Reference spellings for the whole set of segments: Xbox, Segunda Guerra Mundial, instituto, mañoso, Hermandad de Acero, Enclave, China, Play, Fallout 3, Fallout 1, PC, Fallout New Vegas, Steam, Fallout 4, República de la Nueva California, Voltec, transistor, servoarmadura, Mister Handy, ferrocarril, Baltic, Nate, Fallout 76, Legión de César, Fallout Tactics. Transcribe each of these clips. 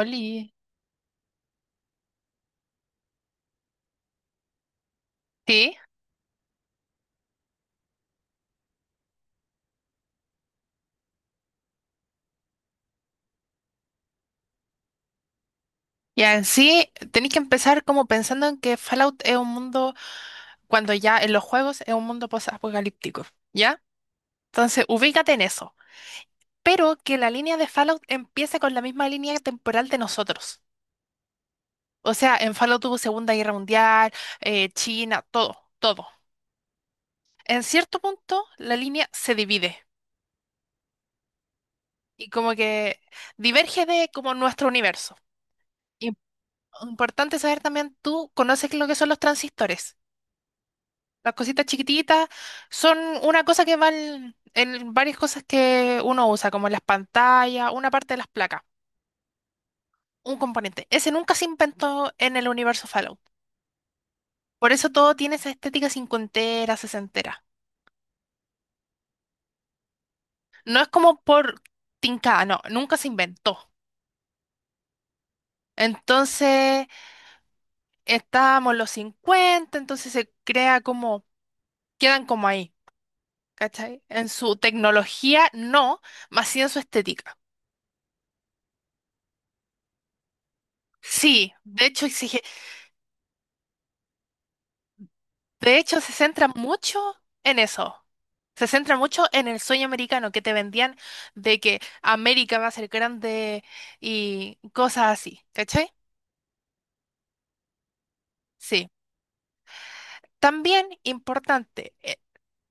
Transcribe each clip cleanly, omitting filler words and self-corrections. Oli, sí, y en sí tenéis que empezar como pensando en que Fallout es un mundo, cuando ya en los juegos es un mundo post-apocalíptico, ¿ya? Entonces, ubícate en eso, pero que la línea de Fallout empiece con la misma línea temporal de nosotros. O sea, en Fallout tuvo Segunda Guerra Mundial, China, todo, todo. En cierto punto, la línea se divide y como que diverge de como nuestro universo. Im- Importante saber también, ¿tú conoces lo que son los transistores? Las cositas chiquititas son una cosa que van en varias cosas que uno usa, como las pantallas, una parte de las placas, un componente. Ese nunca se inventó en el universo Fallout. Por eso todo tiene esa estética cincuentera, sesentera. No es como por tincada, no, nunca se inventó. Entonces, estábamos los 50 entonces se crea como, quedan como ahí, ¿cachai? En su tecnología, no, más sí en su estética. Sí, De hecho, se centra mucho en eso. Se centra mucho en el sueño americano que te vendían de que América va a ser grande y cosas así, ¿cachai? Sí. También importante,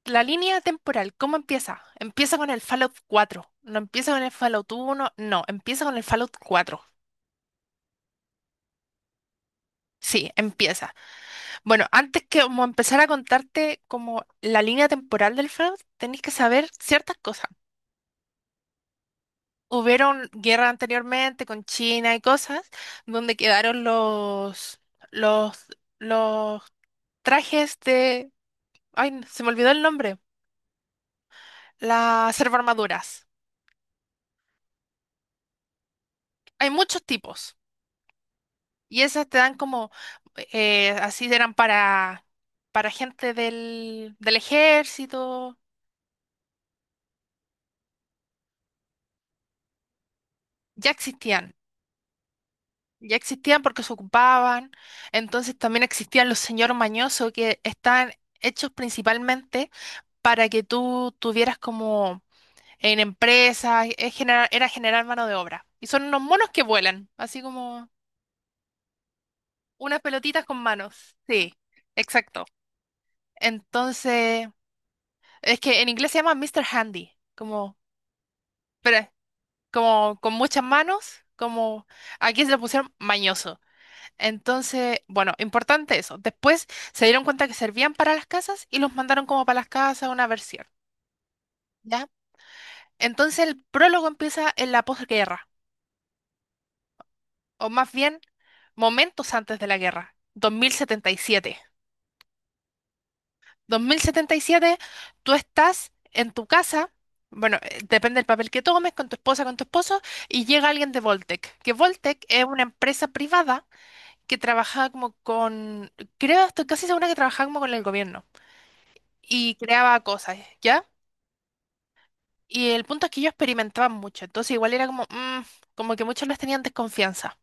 la línea temporal, ¿cómo empieza? Empieza con el Fallout cuatro. No empieza con el Fallout uno. No, empieza con el Fallout cuatro. Sí, empieza. Bueno, antes que como empezar a contarte como la línea temporal del Fallout, tenéis que saber ciertas cosas. Hubieron guerra anteriormente con China y cosas, donde quedaron los, los trajes de... Ay, se me olvidó el nombre. Las servoarmaduras. Hay muchos tipos. Y esas te dan como... así eran para gente del, del ejército. Ya existían. Ya existían porque se ocupaban. Entonces también existían los señor mañoso que están hechos principalmente para que tú tuvieras como en empresas, era generar mano de obra. Y son unos monos que vuelan, así como unas pelotitas con manos. Sí, exacto. Entonces, es que en inglés se llama Mister Handy, como, pero, como con muchas manos, como aquí se le pusieron mañoso. Entonces, bueno, importante eso. Después se dieron cuenta que servían para las casas y los mandaron como para las casas una versión, ¿ya? Entonces el prólogo empieza en la posguerra, o más bien momentos antes de la guerra, 2077. 2077, tú estás en tu casa, bueno, depende del papel que tomes, con tu esposa, con tu esposo, y llega alguien de Voltec, que Voltec es una empresa privada que trabajaba como con, creo, estoy casi segura que trabajaba como con el gobierno y creaba cosas, ¿ya? Y el punto es que ellos experimentaban mucho, entonces igual era como, como que muchos les tenían desconfianza.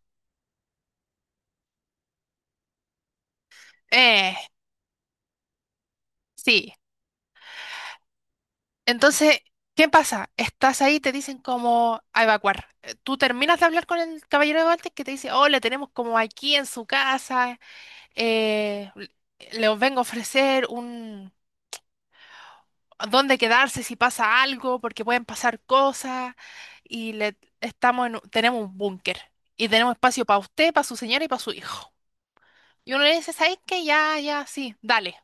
Eh, sí. Entonces, ¿qué pasa? Estás ahí, te dicen como a evacuar. Tú terminas de hablar con el caballero de Baltic que te dice, oh, le tenemos como aquí en su casa, eh, le os vengo a ofrecer un dónde quedarse si pasa algo, porque pueden pasar cosas, y le estamos en, tenemos un búnker. Y tenemos espacio para usted, para su señora y para su hijo. Y uno le dice, ¿sabes qué? Ya, ya, sí, dale.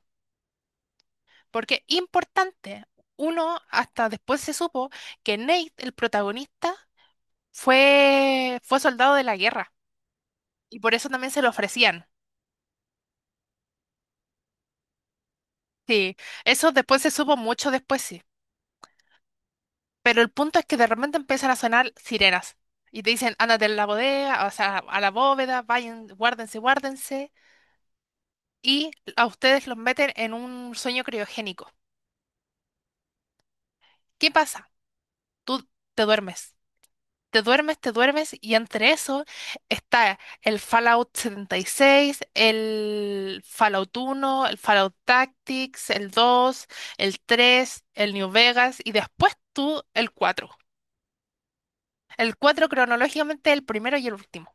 Porque importante, uno hasta después se supo que Nate, el protagonista, fue soldado de la guerra, y por eso también se lo ofrecían. Sí, eso después se supo mucho después, sí. Pero el punto es que de repente empiezan a sonar sirenas y te dicen, ándate a la bodega, o sea, a la bóveda, vayan, guárdense, guárdense. Y a ustedes los meten en un sueño criogénico. ¿Qué pasa? Tú te duermes. Te duermes, te duermes, y entre eso está el Fallout 76, el Fallout 1, el Fallout Tactics, el 2, el 3, el New Vegas, y después tú el 4. El 4 cronológicamente el primero y el último.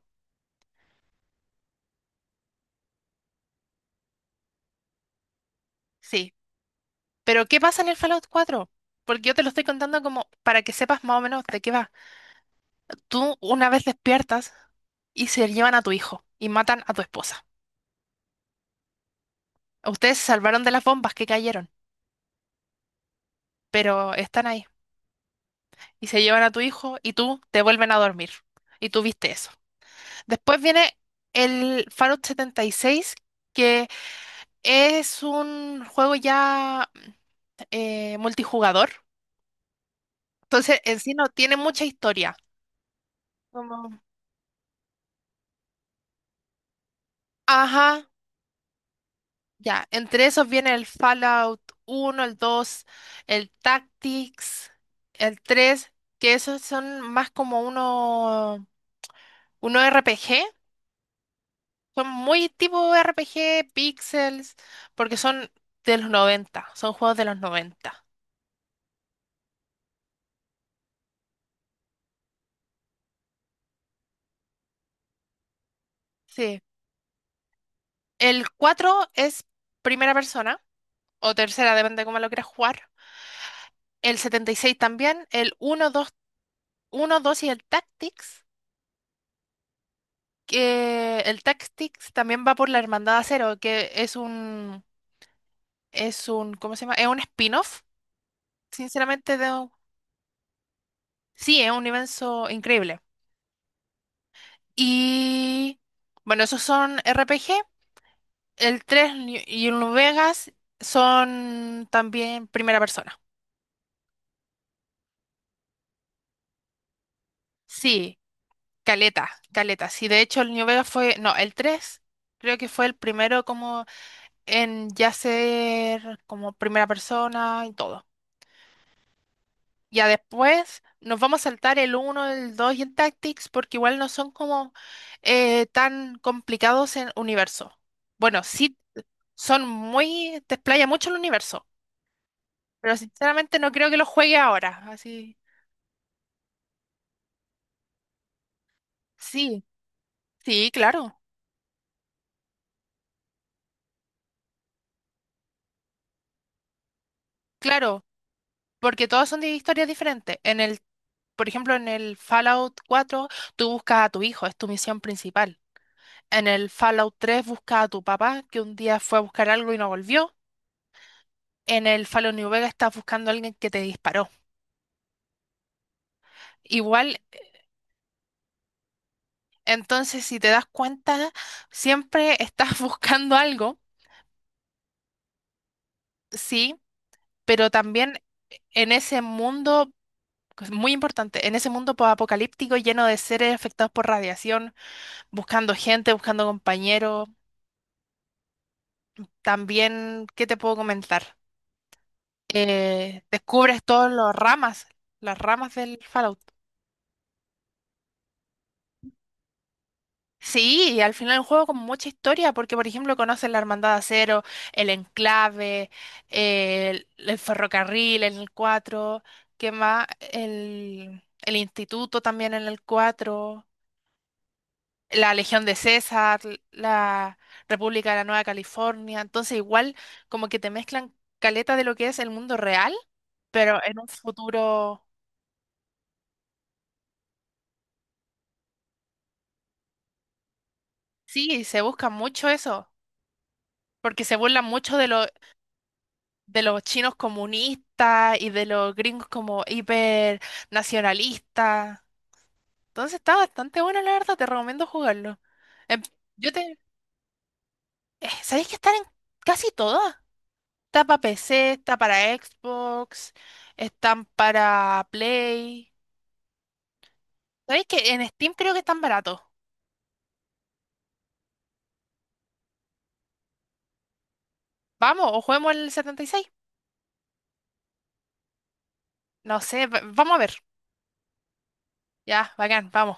Sí. Pero ¿qué pasa en el Fallout 4? Porque yo te lo estoy contando como para que sepas más o menos de qué va. Tú una vez despiertas y se llevan a tu hijo y matan a tu esposa. Ustedes se salvaron de las bombas que cayeron, pero están ahí. Y se llevan a tu hijo y tú te vuelven a dormir. Y tú viste eso. Después viene el Fallout 76, que es un juego ya multijugador. Entonces, en sí no tiene mucha historia. Como, ajá, ya. Entre esos viene el Fallout uno, el dos, el Tactics, el tres, que esos son más como uno RPG. Son muy tipo RPG, Pixels, porque son de los noventa, son juegos de los noventa. Sí. El 4 es primera persona, o tercera, depende de cómo lo quieras jugar. El 76 también, el uno dos y el Tactics, que el Tactics también va por la Hermandad Acero, que es un, ¿cómo se llama? Es un spin-off, sinceramente, sí, es un universo increíble. Y bueno, esos son RPG. El 3 y el Vegas son también primera persona. Sí, caleta, caleta. Sí, de hecho el New Vegas fue, no, el 3 creo que fue el primero como en ya ser como primera persona y todo. Ya después nos vamos a saltar el uno, el 2 y el Tactics porque igual no son como tan complicados en universo. Bueno, sí, son muy, te explaya mucho el universo, pero sinceramente no creo que lo juegue ahora, así. Sí, sí, claro, claro, porque todos son de historias diferentes. En el, por ejemplo, en el Fallout 4, tú buscas a tu hijo, es tu misión principal. En el Fallout 3 buscas a tu papá, que un día fue a buscar algo y no volvió. En el Fallout New Vegas estás buscando a alguien que te disparó. Igual, entonces, si te das cuenta, siempre estás buscando algo, sí, pero también en ese mundo, que es muy importante, en ese mundo apocalíptico lleno de seres afectados por radiación, buscando gente, buscando compañeros. También, ¿qué te puedo comentar? Descubres todas las ramas del Fallout. Sí, y al final el juego con mucha historia, porque por ejemplo conoces la Hermandad de Acero, el Enclave, el ferrocarril en el cuatro, ¿qué más? El instituto también en el cuatro, la Legión de César, la República de la Nueva California. Entonces, igual como que te mezclan caleta de lo que es el mundo real, pero en un futuro. Sí, se busca mucho eso, porque se burlan mucho de lo- de los chinos comunistas y de los gringos como hiper nacionalistas. Entonces está bastante bueno, la verdad, te recomiendo jugarlo. Em, yo te, ¿sabéis que están en casi todas? Está para PC, está para Xbox, están para Play. ¿Sabéis que en Steam creo que están baratos? Vamos, ¿o juguemos el 76? No sé, vamos a ver. Ya, bacán, vamos.